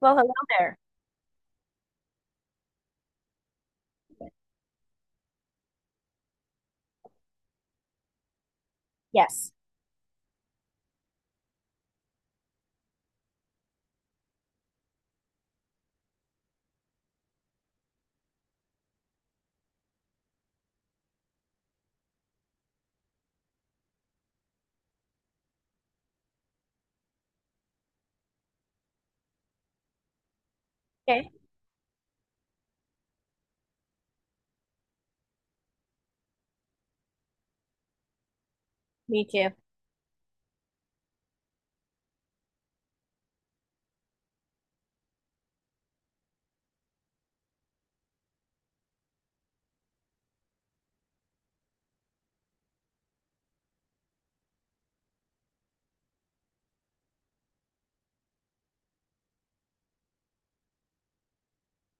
Well, hello there. Yes. Okay. Me too.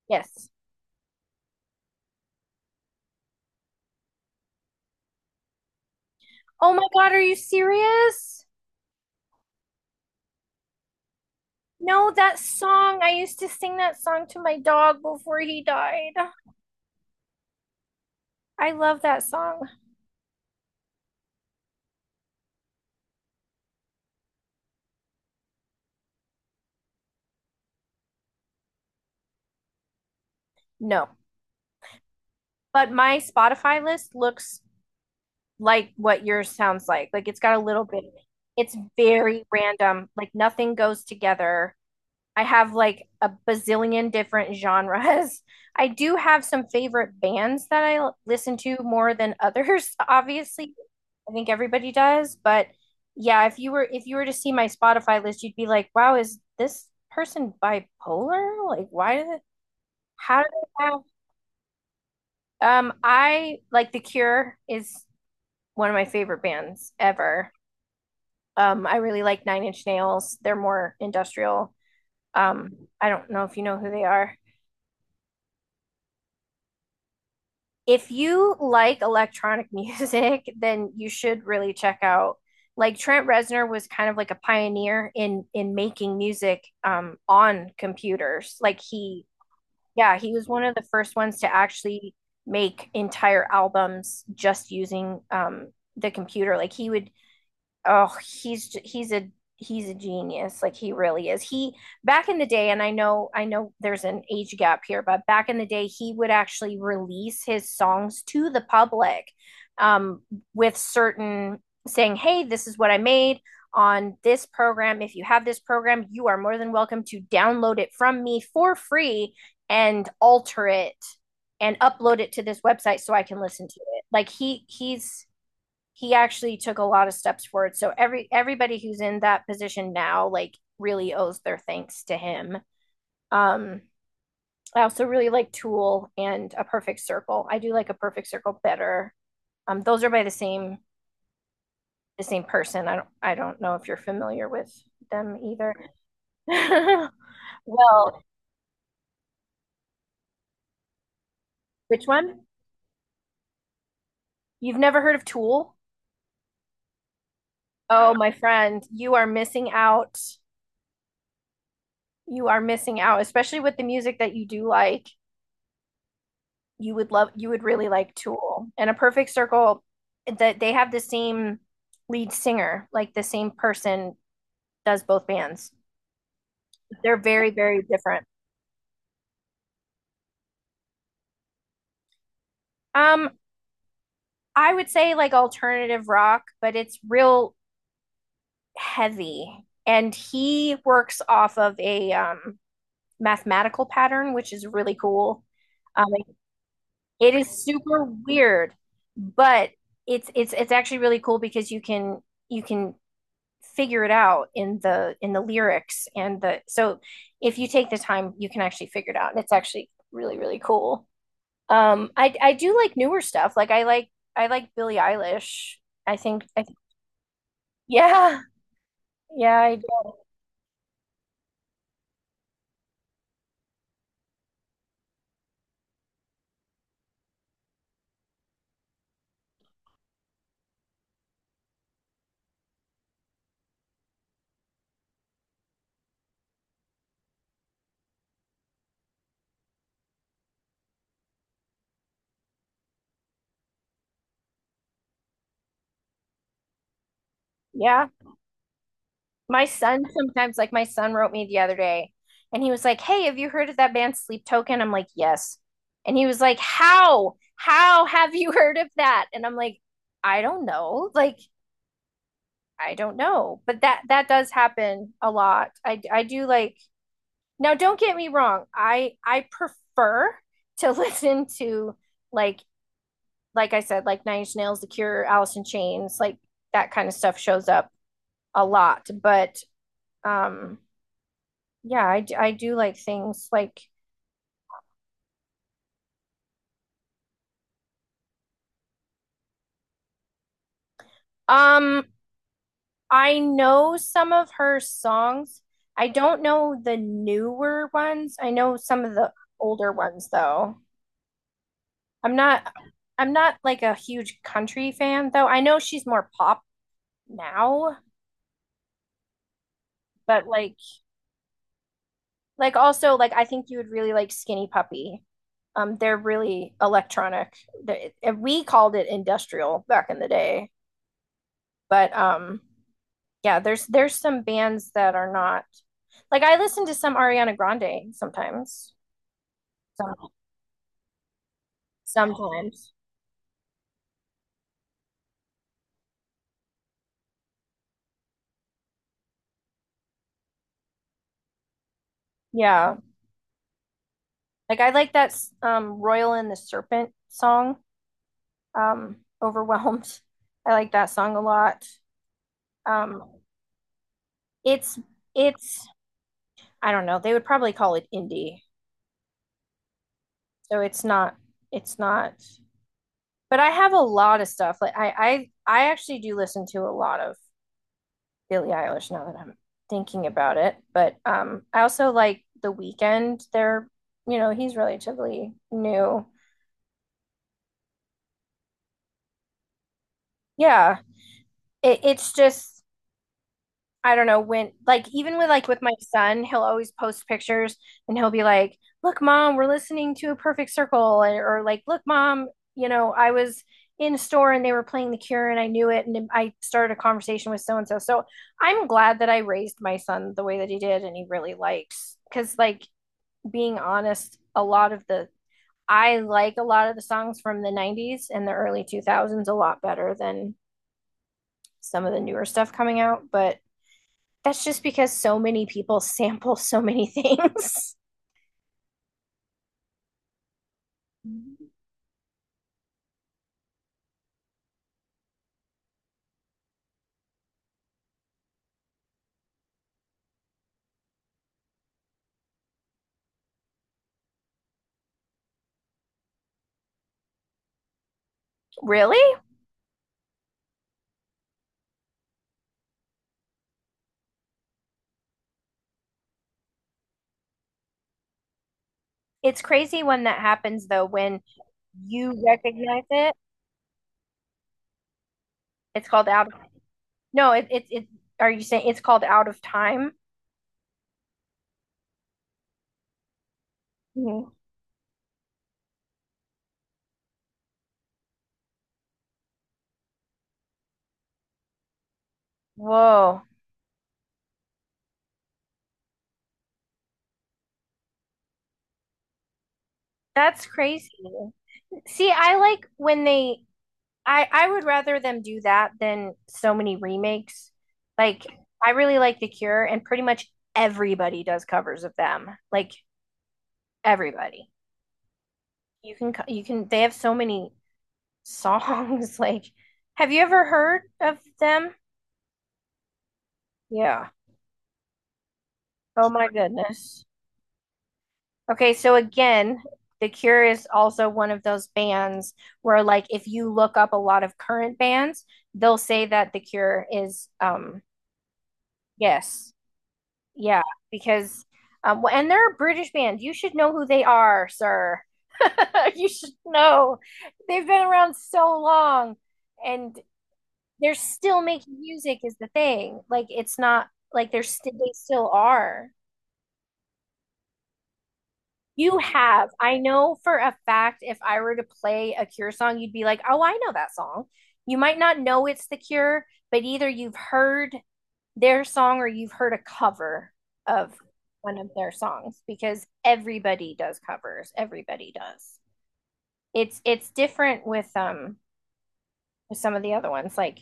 Yes. Oh my God, are you serious? No, that song. I used to sing that song to my dog before he died. I love that song. No, but my Spotify list looks like what yours sounds like. Like it's got a little bit, it's very random. Like nothing goes together. I have like a bazillion different genres. I do have some favorite bands that listen to more than others, obviously. I think everybody does, but yeah, if you were to see my Spotify list, you'd be like, "Wow, is this person bipolar? Like, why did it, how did they have I like The Cure is one of my favorite bands ever. I really like Nine Inch Nails. They're more industrial. Um I don't know if you know who they are. If you like electronic music, then you should really check out like Trent Reznor was kind of like a pioneer in making music on computers. Like he, yeah, he was one of the first ones to actually make entire albums just using the computer. Like he would, oh he's a genius, like he really is. He back in the day, and I know there's an age gap here, but back in the day he would actually release his songs to the public, um, with certain saying, hey, this is what I made on this program. If you have this program, you are more than welcome to download it from me for free and alter it and upload it to this website so I can listen to it. Like he, he actually took a lot of steps forward. So everybody who's in that position now, like, really owes their thanks to him. Um, I also really like Tool and A Perfect Circle. I do like A Perfect Circle better. Um, those are by the same person. I don't know if you're familiar with them either. Well, which one? You've never heard of Tool? Oh, my friend, you are missing out. You are missing out, especially with the music that you do like. You would really like Tool. And A Perfect Circle, that they have the same lead singer. Like, the same person does both bands. They're very, very different. Um, I would say like alternative rock, but it's real heavy. And he works off of a mathematical pattern, which is really cool. Um, it is super weird, but it's actually really cool because you can figure it out in the lyrics and the so if you take the time you can actually figure it out, and it's actually really, really cool. I do like newer stuff. Like I like Billie Eilish. I think yeah, yeah, I do. Yeah, my son sometimes, like, my son wrote me the other day and he was like, hey, have you heard of that band Sleep Token? I'm like, yes. And he was like, how have you heard of that? And I'm like, I don't know, like, I don't know. But that that does happen a lot. I do like now. Don't get me wrong. I prefer to listen to like like I said, like Nine Inch Nails, The Cure, Alice in Chains, like that kind of stuff shows up a lot. But um, yeah, I do like things like um I know some of her songs. I don't know the newer ones. I know some of the older ones though. I'm not, I'm not like a huge country fan though. I know she's more pop now, but like also, like, I think you would really like Skinny Puppy. They're really electronic. We called it industrial back in the day, but yeah, there's some bands that are not like, I listen to some Ariana Grande sometimes. Some, sometimes, yeah. Like I like that Royal and the Serpent song. um, Overwhelmed. I like that song a lot. Um, it's it's I don't know. They would probably call it indie. So it's not, it's not. But I have a lot of stuff. Like I actually do listen to a lot of Billie Eilish now that I'm thinking about it. But I also like The Weekend. They're, you know, he's relatively new. Yeah. It, it's just, I don't know when, like, even with, like, with my son, he'll always post pictures and he'll be like, "Look, mom, we're listening to A Perfect Circle," or like, "Look, mom, you know, I was in a store and they were playing The Cure and I knew it and I started a conversation with so and so." So I'm glad that I raised my son the way that he did and he really likes, because, like, being honest, a lot of the, I like a lot of the songs from the 90s and the early 2000s a lot better than some of the newer stuff coming out, but that's just because so many people sample so many things. Really? It's crazy when that happens though, when you recognize it. It's called out of, no, it, are you saying it's called Out of Time? Mhm. Whoa, that's crazy. See, I like when they, I would rather them do that than so many remakes. Like, I really like The Cure and pretty much everybody does covers of them. Like everybody. You can, they have so many songs. Like, have you ever heard of them? Yeah. Oh my goodness. Okay, so again, The Cure is also one of those bands where, like, if you look up a lot of current bands, they'll say that The Cure is, yes, yeah, because, and they're a British band. You should know who they are, sir. You should know. They've been around so long, and they're still making music is the thing. Like it's not, like, they still are. You have. I know for a fact if I were to play a Cure song, you'd be like, "Oh, I know that song." You might not know it's The Cure, but either you've heard their song or you've heard a cover of one of their songs because everybody does covers. Everybody does. It's different with some of the other ones. Like,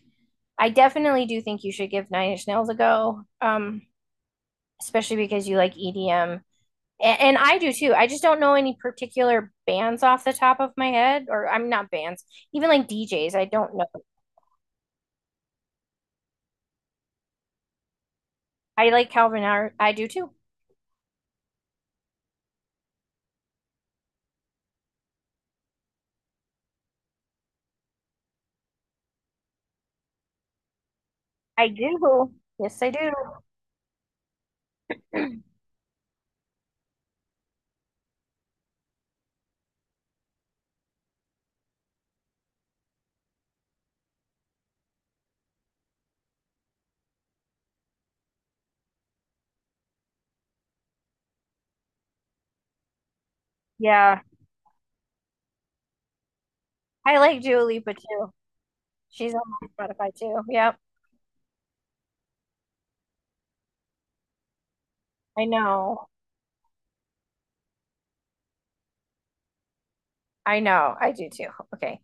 I definitely do think you should give Nine Inch Nails a go. Especially because you like EDM. And I do too. I just don't know any particular bands off the top of my head, or I'm not bands, even, like, DJs. I don't know. I like Calvin Harris. I do too. I do. Yes, I do. Yeah. I like Dua Lipa too. She's on my Spotify too. Yep. I know. I know. I do too. Okay.